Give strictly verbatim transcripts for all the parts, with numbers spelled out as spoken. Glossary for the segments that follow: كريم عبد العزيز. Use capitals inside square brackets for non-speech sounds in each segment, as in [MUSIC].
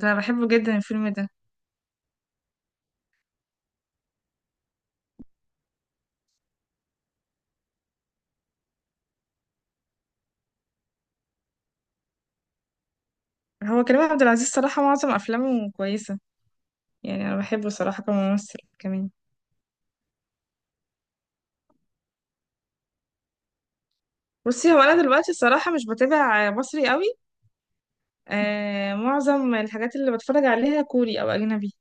ده بحبه جدا الفيلم ده. هو كريم عبد العزيز صراحة معظم أفلامه كويسة، يعني أنا بحبه صراحة كممثل كمان. بصي، هو أنا دلوقتي الصراحة مش بتابع مصري قوي. آه معظم الحاجات اللي بتفرج عليها كوري أو أجنبي،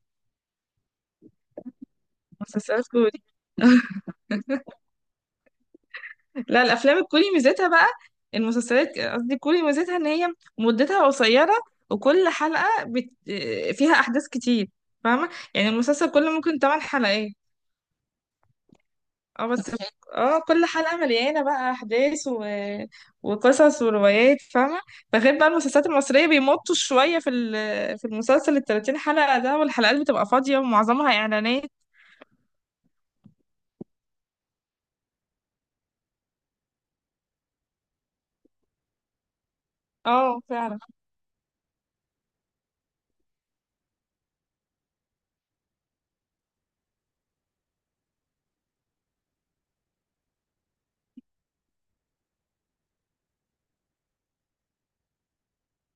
مسلسلات كوري. [LAUGHS] لا الأفلام الكوري ميزتها بقى، المسلسلات قصدي كوري ميزتها إن هي مدتها قصيرة. وكل حلقة بت... آه، فيها أحداث كتير. فاهمة، يعني المسلسل كله ممكن 8 حلقات. اه بس. اه كل حلقة مليانة بقى أحداث و... وقصص وروايات، فاهمة. بغير بقى المسلسلات المصرية بيمطوا شوية في ال... في المسلسل التلاتين حلقة ده، والحلقات بتبقى فاضية ومعظمها إعلانات. اه فعلا.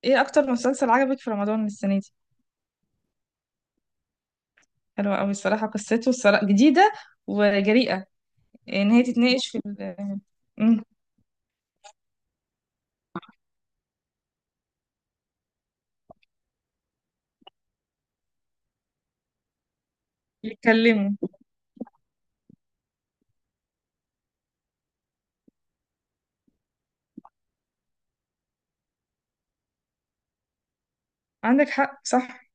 ايه أكتر مسلسل عجبك في رمضان السنة دي؟ حلوة أوي الصراحة، قصته الصراحة جديدة وجريئة، يعني إن هي تتناقش في ال... مم. يتكلموا. عندك حق صح.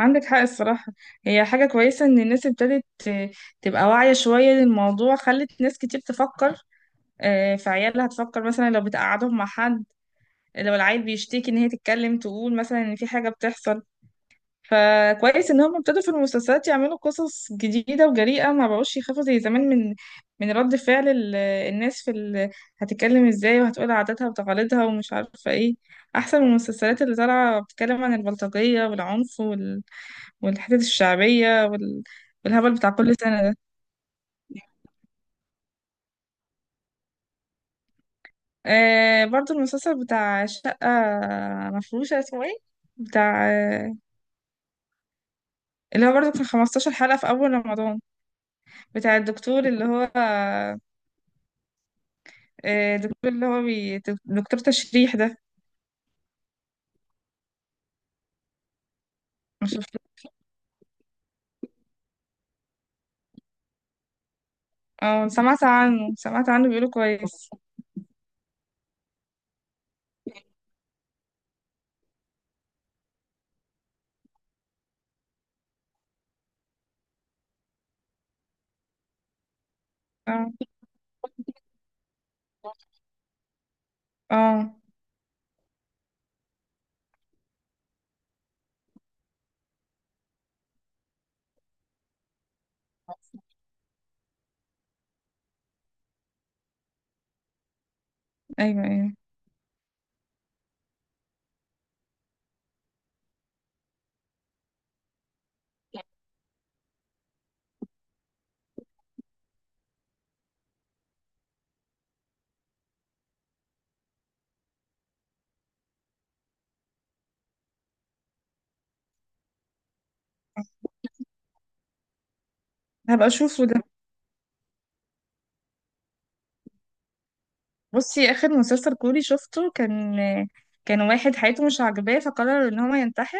عندك حق الصراحة. هي حاجة كويسة إن الناس ابتدت آه، تبقى واعية شوية للموضوع، خلت ناس كتير تفكر آه، في عيالها، تفكر مثلا لو بتقعدهم مع حد، لو العيل بيشتكي إن هي تتكلم، تقول مثلا إن في حاجة بتحصل. فكويس إن هم ابتدوا في المسلسلات يعملوا قصص جديدة وجريئة، ما بقوش يخافوا زي زمان من من رد فعل ال- الناس. في ال... هتتكلم ازاي وهتقول عاداتها وتقاليدها ومش عارفة ايه. أحسن من المسلسلات اللي طالعة بتتكلم عن البلطجية والعنف والحتت الشعبية وال... والهبل بتاع كل سنة ده. آه برضو المسلسل بتاع شقة مفروشة، اسمه ايه، بتاع آه، اللي هو برضو كان 15 حلقة في أول رمضان، بتاع الدكتور اللي هو آه، دكتور اللي هو بي... دكتور تشريح ده. مش شفته. اه سمعت عنه سمعت عنه بيقولوا كويس. اه اه. ايوه ايوه. هبقى اشوفه ده. بصي اخر مسلسل كوري شفته كان كان واحد حياته مش عاجباه فقرر ان هو ينتحر.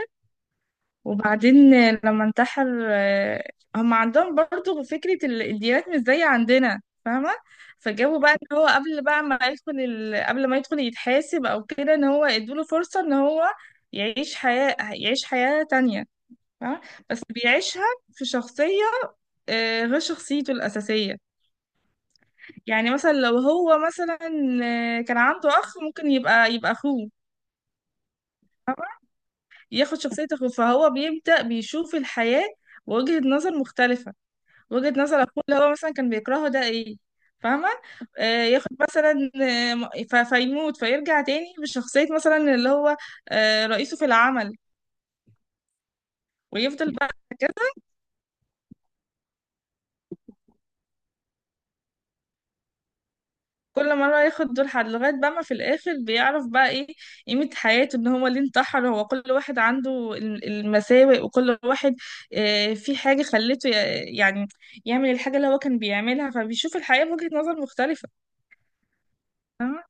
وبعدين آه، لما انتحر آه، هم عندهم برضو فكرة ال- الديانات مش زي عندنا، فاهمة. فجابوا بقى ان هو قبل بقى ما يدخل ال... قبل ما يدخل يتحاسب او كده ان هو ادوله فرصة ان هو يعيش حياة يعيش حياة تانية. فاهمة. بس بيعيشها في شخصية آه، غير شخصيته الأساسية. يعني مثلا لو هو مثلا آه، كان عنده أخ ممكن يبقى يبقى أخوه. ياخد شخصية أخوه فهو بيبدأ بيشوف الحياة وجهة نظر مختلفة، وجهة نظر اخوه اللي هو مثلا كان بيكرهه ده ايه، فاهمة. آه ياخد مثلا آه م- ف- فيموت فيرجع تاني بشخصية مثلا اللي هو آه رئيسه في العمل. ويفضل بقى كده، كل مرة ياخد دور حد لغاية بقى ما في الآخر بيعرف بقى ايه قيمة حياته، ان هو ليه انتحر، هو كل واحد عنده ال- المساوئ، وكل واحد آه في حاجة خلته ي- يعني يعمل الحاجة اللي هو كان بيعملها فبيشوف الحياة بوجهة نظر مختلفة. فاهمة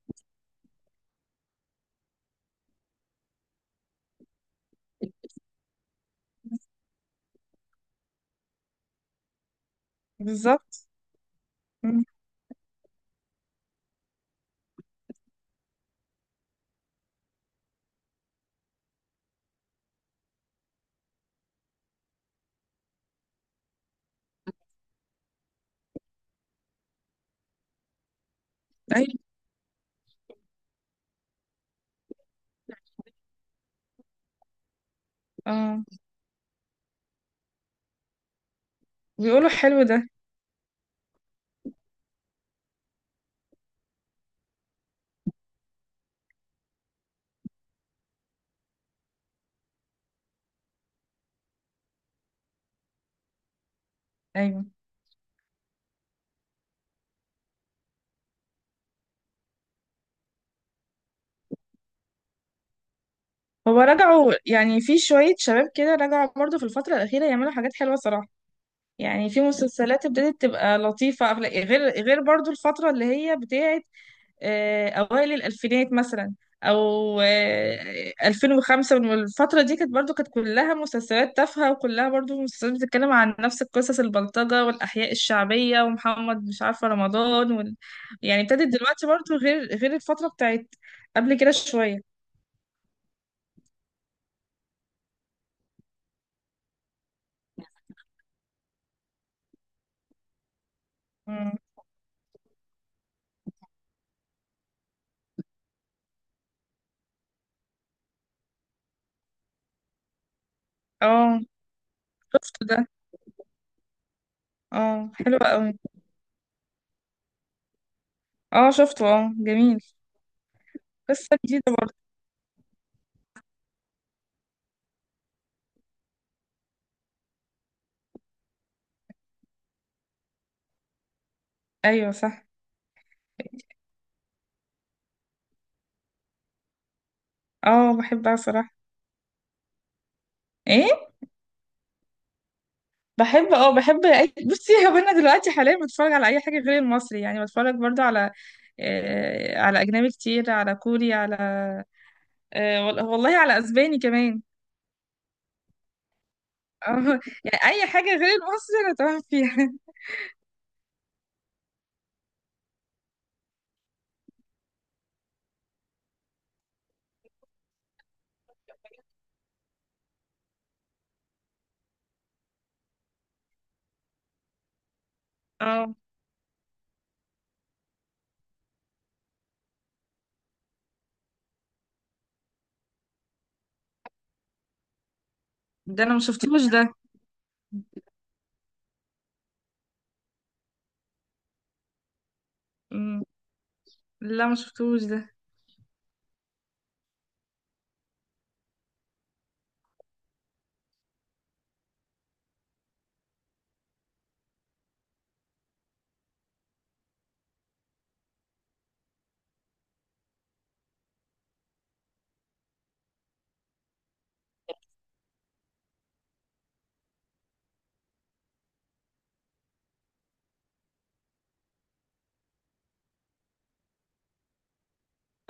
بالظبط. مم. أيوة. اه بيقولوا حلو ده. ايوه هو رجعوا يعني في شوية شباب كده رجعوا برضه في الفترة الأخيرة يعملوا حاجات حلوة صراحة. يعني في مسلسلات ابتدت تبقى لطيفة، أفلا- غير غير برضه الفترة اللي هي بتاعت آه، أوائل الألفينات مثلا أو آه، ألفين وخمسة والفترة دي كانت برضه كانت كلها مسلسلات تافهة وكلها برضه مسلسلات بتتكلم عن نفس القصص، البلطجة والأحياء الشعبية ومحمد مش عارفة رمضان وال... يعني ابتدت دلوقتي برضه غير غير الفترة بتاعت قبل كده شوية. مم. اه شفته ده. اه حلو [LAUGHS] قوي. اه شفته اه جميل. قصة جديدة برضه. ايوه صح. اه بحبها صراحة. ايه بحب اه بحب أي... [LAUGHS] بصي هو انا دلوقتي حاليا بتفرج على اي حاجة غير المصري، يعني بتفرج برضه على آه على اجنبي كتير، على كوري، على آه وال- والله على اسباني كمان. [LAUGHS] اه يعني اي حاجة غير المصري انا تمام فيها. [LAUGHS] اه ده انا ما شفتوش ده. مم. لا ما شفتوش ده.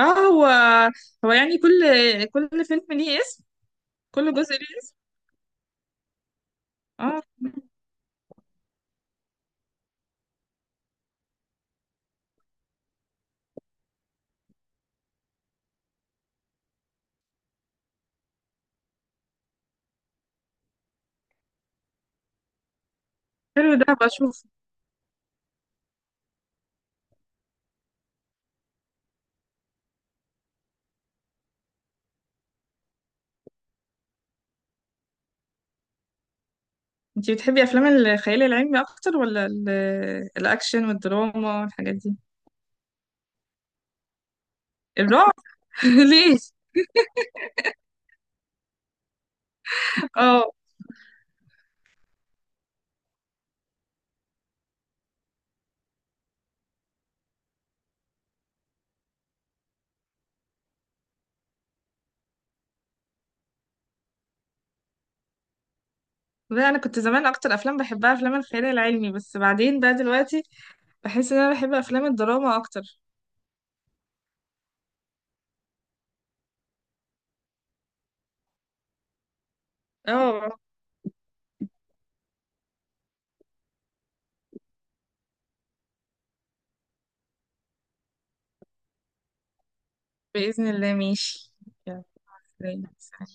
اه هو هو يعني كل كل فيلم ليه اسم. كل جزء ليه اسم. اه حلو ده بشوف. انتي بتحبي افلام الخيال العلمي اكتر ولا ال- الاكشن والدراما والحاجات دي؟ الرعب. [LAUGHS] ليه. اه لا انا كنت زمان اكتر افلام بحبها افلام الخيال العلمي، بس بعدين بقى دلوقتي بحس ان انا بحب افلام الدراما اكتر. اه. باذن الله ماشي. يلا، سلام.